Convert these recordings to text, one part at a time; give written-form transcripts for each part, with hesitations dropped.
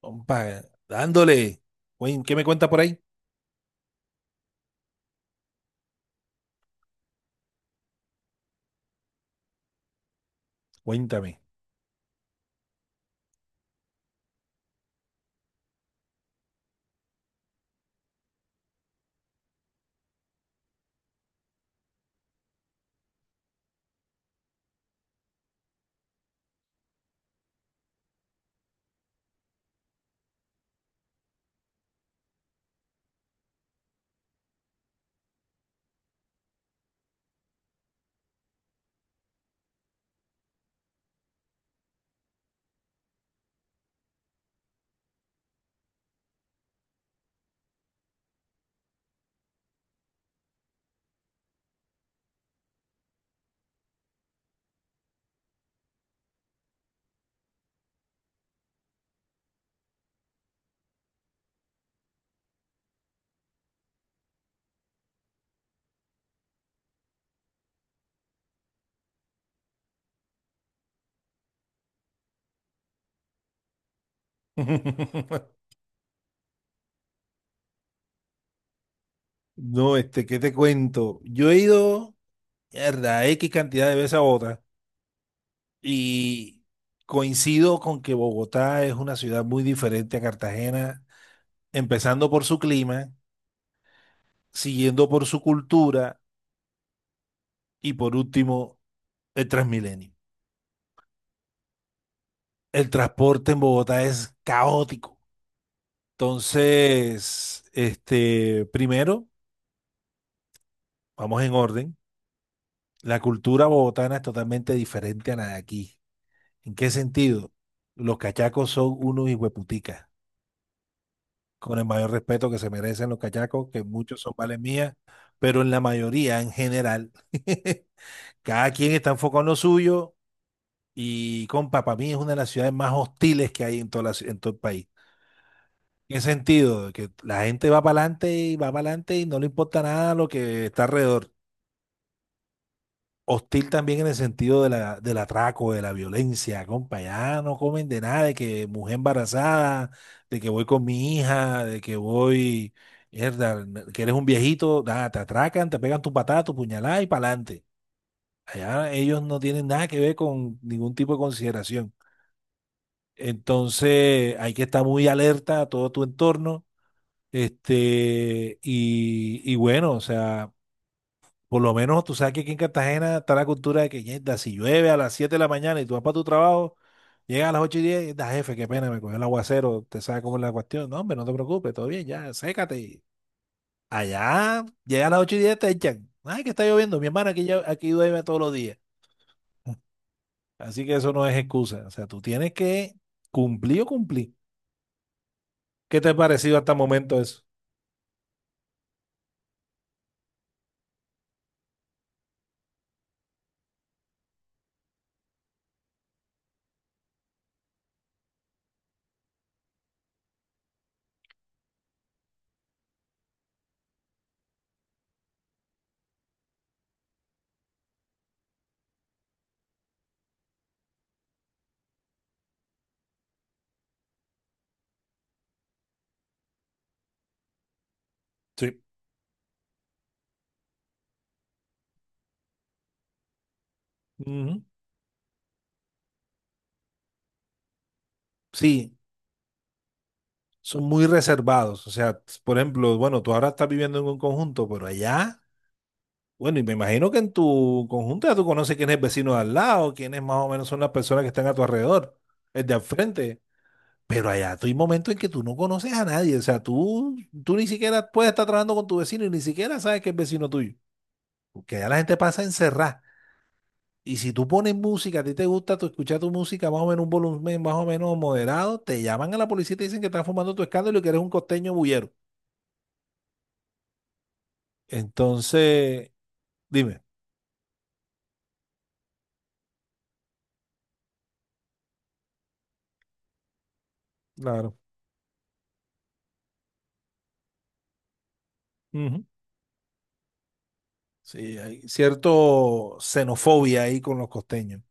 Compa, dándole. ¿Qué me cuenta por ahí? Cuéntame. No, ¿qué te cuento? Yo he ido, mierda, X cantidad de veces a Bogotá y coincido con que Bogotá es una ciudad muy diferente a Cartagena, empezando por su clima, siguiendo por su cultura y por último, el Transmilenio. El transporte en Bogotá es caótico. Entonces, primero, vamos en orden. La cultura bogotana es totalmente diferente a la de aquí. ¿En qué sentido? Los cachacos son unos hijueputicas, con el mayor respeto que se merecen los cachacos, que muchos son vales mías, pero en la mayoría, en general, cada quien está enfocado en lo suyo y, compa, para mí es una de las ciudades más hostiles que hay en, toda en todo el país. ¿En qué sentido? Que la gente va para adelante y va para adelante y no le importa nada lo que está alrededor. Hostil también en el sentido de la, del atraco, de la violencia, compa. Ya no comen de nada, de que mujer embarazada, de que voy con mi hija, de que voy, mierda, que eres un viejito, nada, te atracan, te pegan tu patada, tu puñalada y pa'lante. Allá ellos no tienen nada que ver con ningún tipo de consideración. Entonces hay que estar muy alerta a todo tu entorno. Y bueno, o sea. Por lo menos tú sabes que aquí en Cartagena está la cultura de que "Yerda, si llueve a las 7 de la mañana y tú vas para tu trabajo, llegas a las 8:10 da jefe, qué pena, me cogió el aguacero, te sabes cómo es la cuestión. No, hombre, no te preocupes, todo bien, ya, sécate." Y allá, llega a las 8:10 te echan. Ay, que está lloviendo, mi hermano, aquí, aquí llueve todos los días. Así que eso no es excusa. O sea, tú tienes que cumplir o cumplir. ¿Qué te ha parecido hasta el momento eso? Sí. Ujú. Sí, son muy reservados. O sea, por ejemplo, bueno, tú ahora estás viviendo en un conjunto, pero allá. Bueno, y me imagino que en tu conjunto ya tú conoces quién es el vecino de al lado, quiénes más o menos son las personas que están a tu alrededor, el de al frente. Pero allá tú hay momentos en que tú no conoces a nadie. O sea, tú ni siquiera puedes estar trabajando con tu vecino y ni siquiera sabes que es vecino tuyo. Porque allá la gente pasa encerrada. Y si tú pones música, a ti te gusta tú escuchar tu música más o menos un volumen más o menos moderado, te llaman a la policía y te dicen que estás fumando tu escándalo y que eres un costeño bullero. Entonces, dime. Claro. Sí, hay cierto xenofobia ahí con los costeños.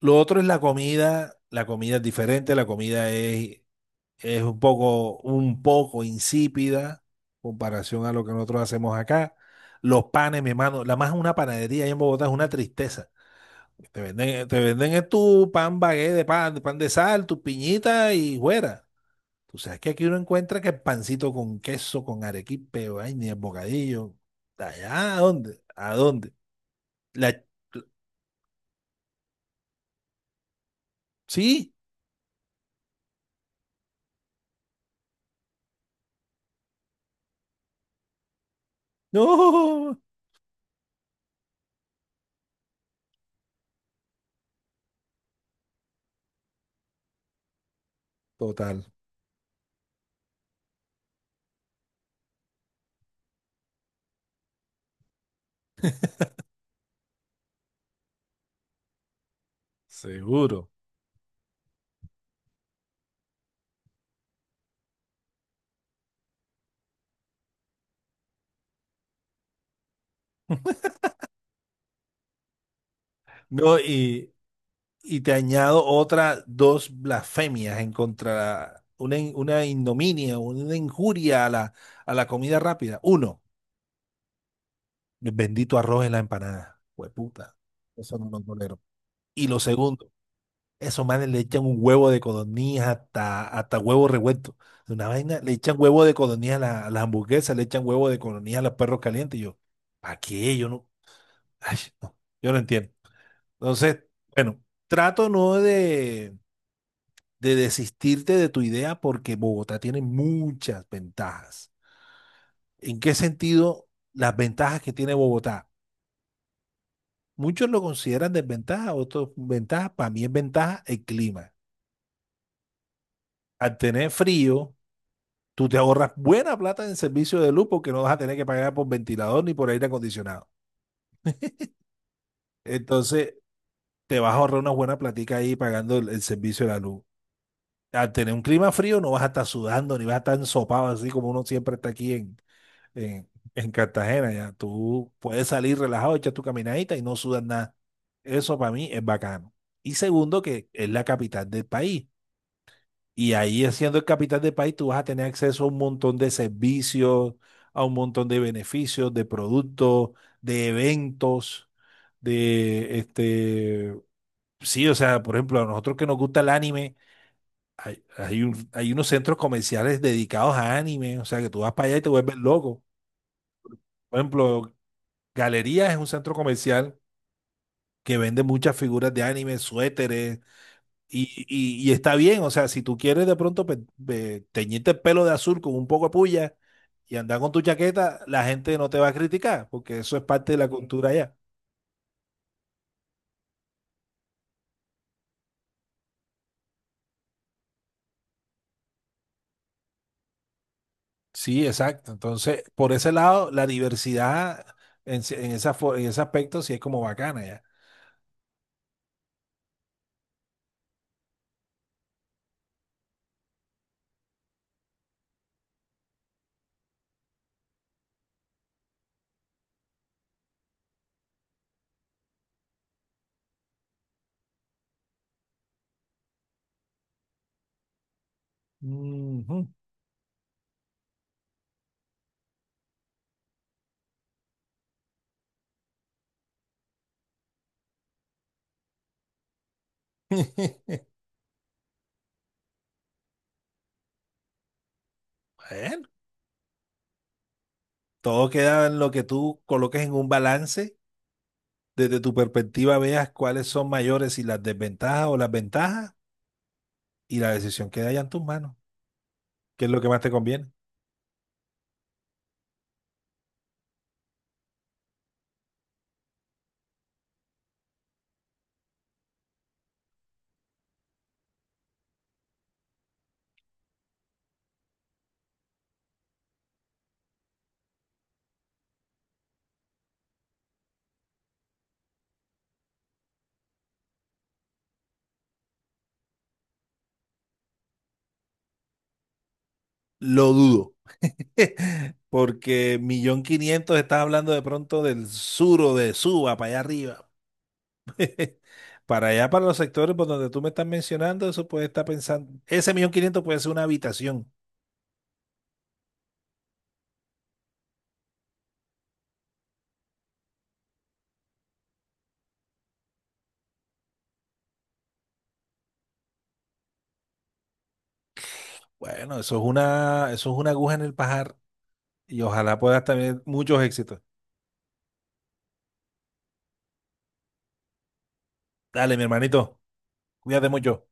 Lo otro es la comida. La comida es diferente, la comida es un poco insípida en comparación a lo que nosotros hacemos acá. Los panes, mi hermano, la más una panadería ahí en Bogotá es una tristeza. Te venden es tu pan bagué de pan, pan de sal, tu piñita y fuera. Tú sabes que aquí uno encuentra que pancito con queso, con arequipe, ay, ni el bocadillo. ¿Allá a dónde? ¿A dónde? La, Sí, no, total, seguro. No, y te añado otras dos blasfemias en contra, una ignominia, una injuria a la comida rápida. Uno, el bendito arroz en la empanada. Hueputa, eso no lo tolero. Y lo segundo, esos manes le echan un huevo de codorniz hasta huevo revuelto. De una vaina, le echan huevo de codorniz a las hamburguesas, le echan huevo de codorniz a los perros calientes. Y yo, ¿para qué? Yo no, ay, no, yo no entiendo. Entonces, bueno, trato no de, de desistirte de tu idea porque Bogotá tiene muchas ventajas. ¿En qué sentido las ventajas que tiene Bogotá? Muchos lo consideran desventaja, otros ventaja. Para mí es ventaja el clima. Al tener frío, tú te ahorras buena plata en servicio de luz porque no vas a tener que pagar por ventilador ni por aire acondicionado. Entonces, te vas a ahorrar una buena platica ahí pagando el servicio de la luz. Al tener un clima frío no vas a estar sudando ni vas a estar ensopado así como uno siempre está aquí en, en, en Cartagena. Ya tú puedes salir relajado, echar tu caminadita y no sudas nada. Eso para mí es bacano. Y segundo, que es la capital del país. Y ahí siendo el capital del país, tú vas a tener acceso a un montón de servicios, a un montón de beneficios, de productos, de eventos, de sí, o sea, por ejemplo, a nosotros que nos gusta el anime hay unos centros comerciales dedicados a anime, o sea que tú vas para allá y te vuelves loco. Por ejemplo, Galerías es un centro comercial que vende muchas figuras de anime, suéteres, y está bien, o sea, si tú quieres de pronto teñirte el pelo de azul con un poco de puya y andar con tu chaqueta, la gente no te va a criticar, porque eso es parte de la cultura allá. Sí, exacto. Entonces, por ese lado, la diversidad en, ese- en, esa, fo- en ese aspecto sí es como bacana ya. Ujú. Bueno, todo queda en lo que tú coloques en un balance, desde tu perspectiva veas cuáles son mayores, y las desventajas o las ventajas, y la decisión queda ya en tus manos, que es lo que más te conviene. Lo dudo, porque 1.500.000 estás hablando de pronto del sur o de Suba, para allá arriba. Para allá, para los sectores por donde tú me estás mencionando, eso puede estar pensando, ese 1.500.000 puede ser una habitación. Bueno, eso es una aguja en el pajar y ojalá puedas tener muchos éxitos. Dale, mi hermanito, cuídate mucho.